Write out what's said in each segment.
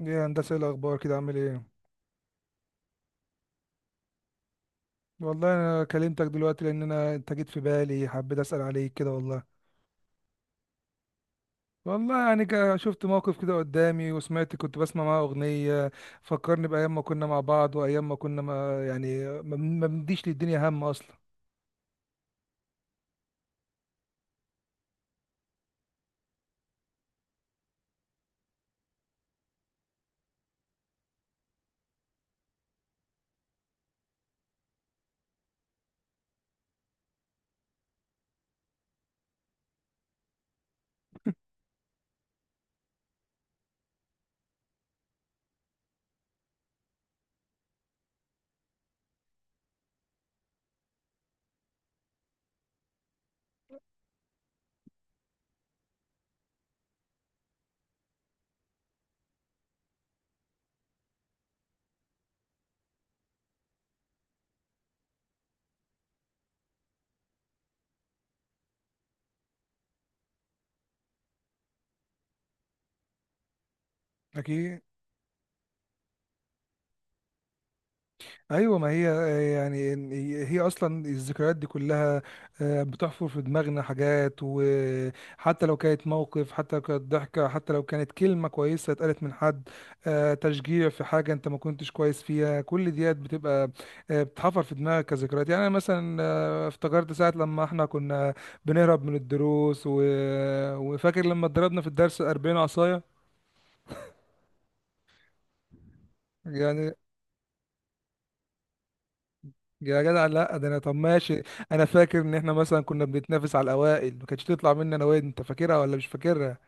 يا هندسة إيه الأخبار كده عامل إيه؟ والله أنا كلمتك دلوقتي لأن أنت جيت في بالي حبيت أسأل عليك كده والله. والله يعني شفت موقف كده قدامي وسمعت كنت بسمع معاه أغنية فكرني بأيام ما كنا مع بعض وأيام ما كنا ما يعني ما بنديش للدنيا هم أصلا. أكيد ايوه ما هي، آه، يعني هي اصلا الذكريات دي كلها بتحفر في دماغنا حاجات، وحتى لو كانت موقف، حتى لو كانت ضحكه، حتى لو كانت كلمه كويسه اتقالت من حد، تشجيع في حاجه انت ما كنتش كويس فيها، كل ديت بتبقى بتحفر في دماغك كذكريات. يعني انا مثلا افتكرت ساعه لما احنا كنا بنهرب من الدروس وفاكر لما اتضربنا في الدرس 40 عصايه يعني. يا جدع لا، ده انا طب ماشي، انا فاكر ان احنا مثلا كنا بنتنافس على الاوائل ما كانتش تطلع مني انا، وين انت فاكرها ولا مش فاكرها؟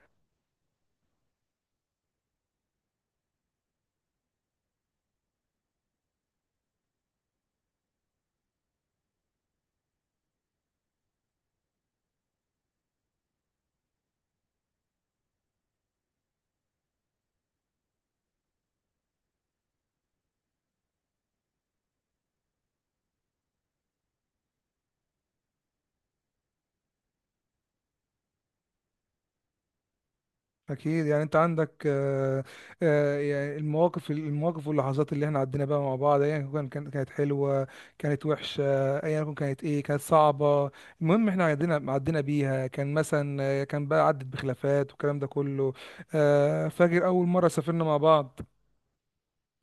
اكيد. يعني انت عندك، آه، يعني المواقف، المواقف واللحظات اللي احنا عدينا بقى مع بعض ايا كان كانت حلوه، كانت وحشه، ايا كان كانت ايه، كانت صعبه، المهم احنا عدينا بيها. كان مثلا كان بقى عدت بخلافات والكلام ده كله. فاكر اول مره سافرنا مع بعض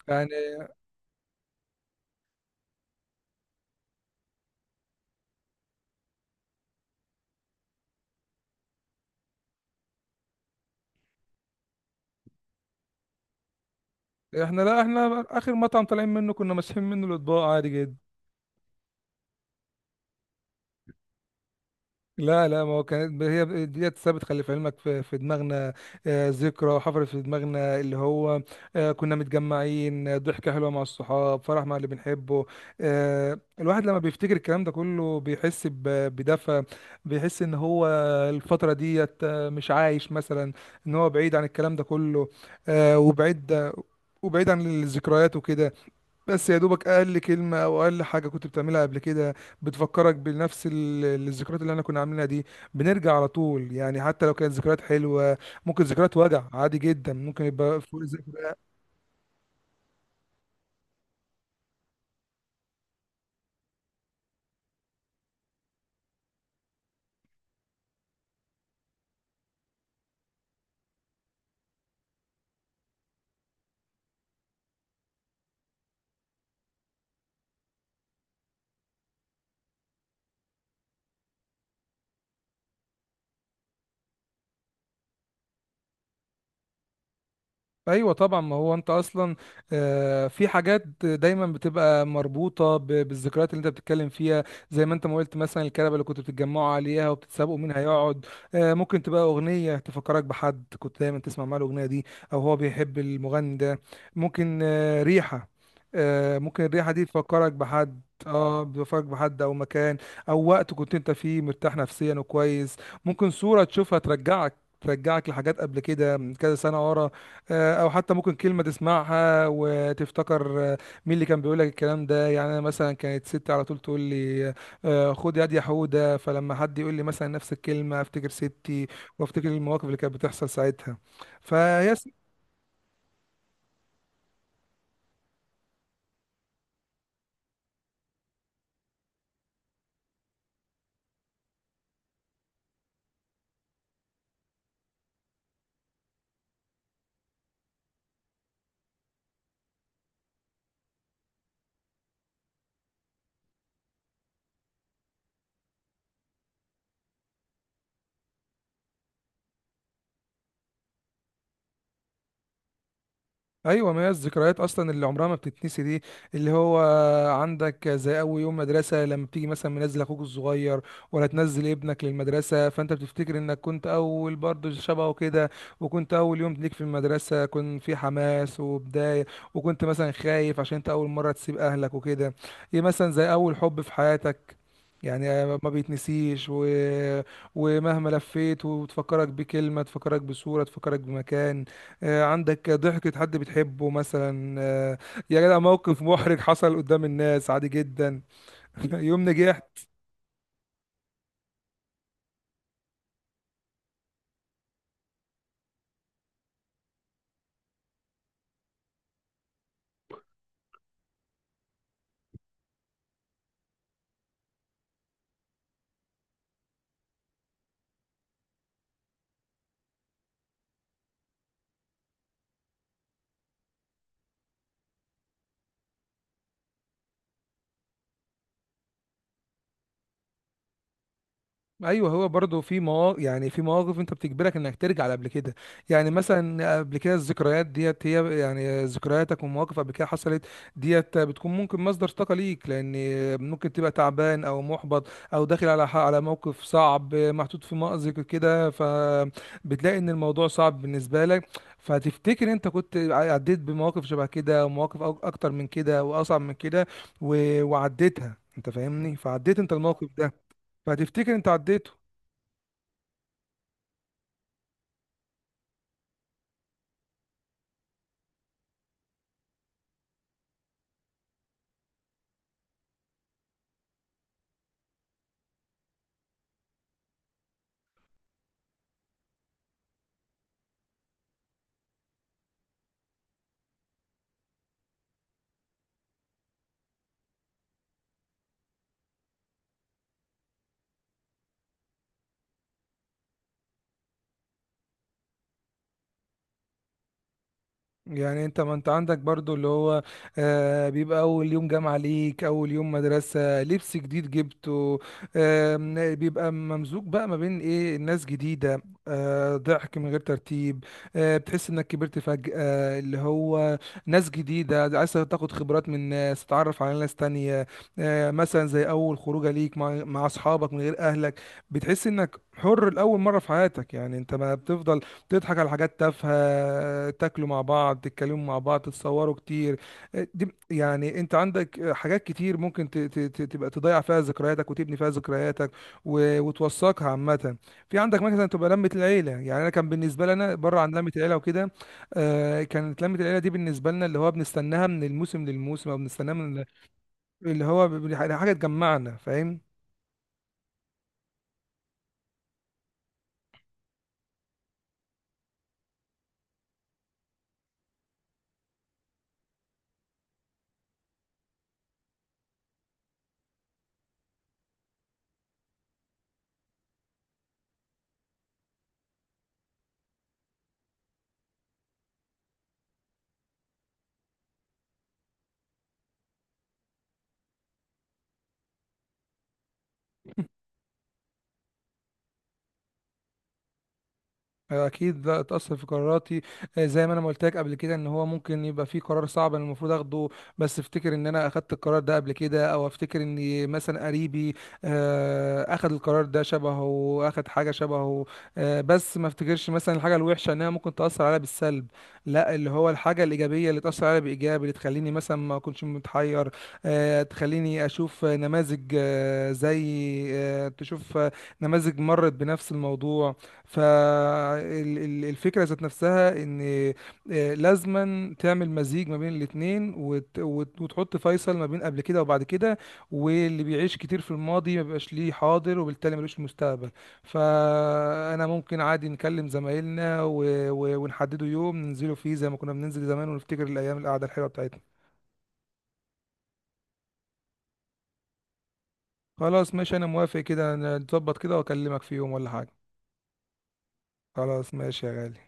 يعني. احنا لا احنا اخر مطعم طالعين منه كنا ماسحين منه الاطباق عادي جدا. لا لا ما هو كانت هي ديت ثابت، خلي في علمك، في دماغنا ذكرى حفرت في دماغنا اللي هو كنا متجمعين، ضحكة حلوة مع الصحاب، فرح مع اللي بنحبه. الواحد لما بيفتكر الكلام ده كله بيحس بدفى، بيحس ان هو الفترة ديت مش عايش مثلا، ان هو بعيد عن الكلام ده كله وبعيد، وبعيد عن الذكريات وكده. بس يا دوبك اقل كلمه او اقل حاجه كنت بتعملها قبل كده بتفكرك بنفس الذكريات اللي احنا كنا عاملينها دي، بنرجع على طول يعني. حتى لو كانت ذكريات حلوه، ممكن ذكريات وجع عادي جدا، ممكن يبقى فوق. ايوه طبعا ما هو انت اصلا في حاجات دايما بتبقى مربوطه بالذكريات اللي انت بتتكلم فيها، زي ما انت ما قلت مثلا الكنبه اللي كنتوا بتتجمعوا عليها وبتتسابقوا مين هيقعد. ممكن تبقى اغنيه تفكرك بحد كنت دايما تسمع معاه الاغنيه دي، او هو بيحب المغني ده. ممكن ريحه، ممكن الريحه دي تفكرك بحد. اه بتفكرك بحد او مكان او وقت كنت انت فيه مرتاح نفسيا وكويس. ممكن صوره تشوفها ترجعك، ترجعك لحاجات قبل كده من كذا سنه ورا، او حتى ممكن كلمه تسمعها وتفتكر مين اللي كان بيقول لك الكلام ده. يعني انا مثلا كانت ستي على طول تقول لي خد يد يا حوده، فلما حد يقول لي مثلا نفس الكلمه افتكر ستي وافتكر المواقف اللي كانت بتحصل ساعتها. فهي ايوه ما هي الذكريات اصلا اللي عمرها ما بتتنسي دي، اللي هو عندك زي اول يوم مدرسه لما بتيجي مثلا منزل اخوك الصغير ولا تنزل ابنك للمدرسه، فانت بتفتكر انك كنت اول برضه شبهه كده، وكنت اول يوم ليك في المدرسه كنت في حماس وبدايه، وكنت مثلا خايف عشان انت اول مره تسيب اهلك وكده. ايه مثلا زي اول حب في حياتك يعني ما بيتنسيش. ومهما لفيت وتفكرك بكلمة، تفكرك بصورة، تفكرك بمكان، عندك ضحكة حد بتحبه مثلا. يا جدع موقف محرج حصل قدام الناس عادي جدا، يوم نجاح. ايوه هو برضه في مواقف، يعني في مواقف انت بتجبرك انك ترجع لقبل كده. يعني مثلا قبل كده الذكريات ديت هي يعني ذكرياتك ومواقف قبل كده حصلت، ديت بتكون ممكن مصدر طاقه ليك، لان ممكن تبقى تعبان او محبط او داخل على على موقف صعب، محطوط في مأزق كده، فبتلاقي ان الموضوع صعب بالنسبه لك، فتفتكر انت كنت عديت بمواقف شبه كده، ومواقف اكتر من كده واصعب من كده وعديتها، انت فاهمني، فعديت انت الموقف ده، فهتفتكر انت عديته. يعني انت ما انت عندك برضو اللي هو آه بيبقى اول يوم جامعة ليك، اول يوم مدرسة، لبس جديد جبته، آه بيبقى ممزوج بقى ما بين ايه، الناس جديدة، آه ضحك من غير ترتيب، آه بتحس انك كبرت فجأة، اللي هو ناس جديدة عايز تاخد خبرات من ناس، تتعرف على ناس تانية، آه مثلا زي اول خروجة ليك مع اصحابك من غير اهلك، بتحس انك حر لأول مرة في حياتك. يعني انت ما بتفضل تضحك على حاجات تافهة، تاكلوا مع بعض، تتكلموا مع بعض، تتصوروا كتير. دي يعني انت عندك حاجات كتير ممكن تبقى تضيع فيها ذكرياتك وتبني فيها ذكرياتك وتوثقها عامة. في عندك مثلا تبقى لمة العيلة، يعني انا كان بالنسبة لنا بره عن لمة العيلة وكده. كانت لمة العيلة دي بالنسبة لنا اللي هو بنستناها من الموسم للموسم، او بنستناها من اللي هو حاجة تجمعنا، فاهم. اكيد لا اتاثر في قراراتي. زي ما انا ما قلت لك قبل كده ان هو ممكن يبقى في قرار صعب انا المفروض اخده، بس افتكر ان انا اخدت القرار ده قبل كده، او افتكر ان مثلا قريبي اخد القرار ده شبهه، اخد حاجه شبهه. بس ما افتكرش مثلا الحاجه الوحشه انها ممكن تاثر عليا بالسلب، لا اللي هو الحاجه الايجابيه اللي تاثر عليا بايجابي، اللي تخليني مثلا ما اكونش متحير. تخليني اشوف نماذج، آه، زي آه، تشوف آه، نماذج مرت بنفس الموضوع. فالفكرة ذات نفسها ان لازما تعمل مزيج ما بين الاتنين وتحط فيصل ما بين قبل كده وبعد كده. واللي بيعيش كتير في الماضي ما بيبقاش ليه حاضر وبالتالي ملوش مستقبل. فانا ممكن عادي نكلم زمايلنا ونحددوا يوم ننزلوا فيه زي ما كنا بننزل زمان ونفتكر الايام القعدة الحلوة بتاعتنا. خلاص ماشي انا موافق كده، نتظبط كده واكلمك في يوم ولا حاجة. خلاص ماشي يا غالي.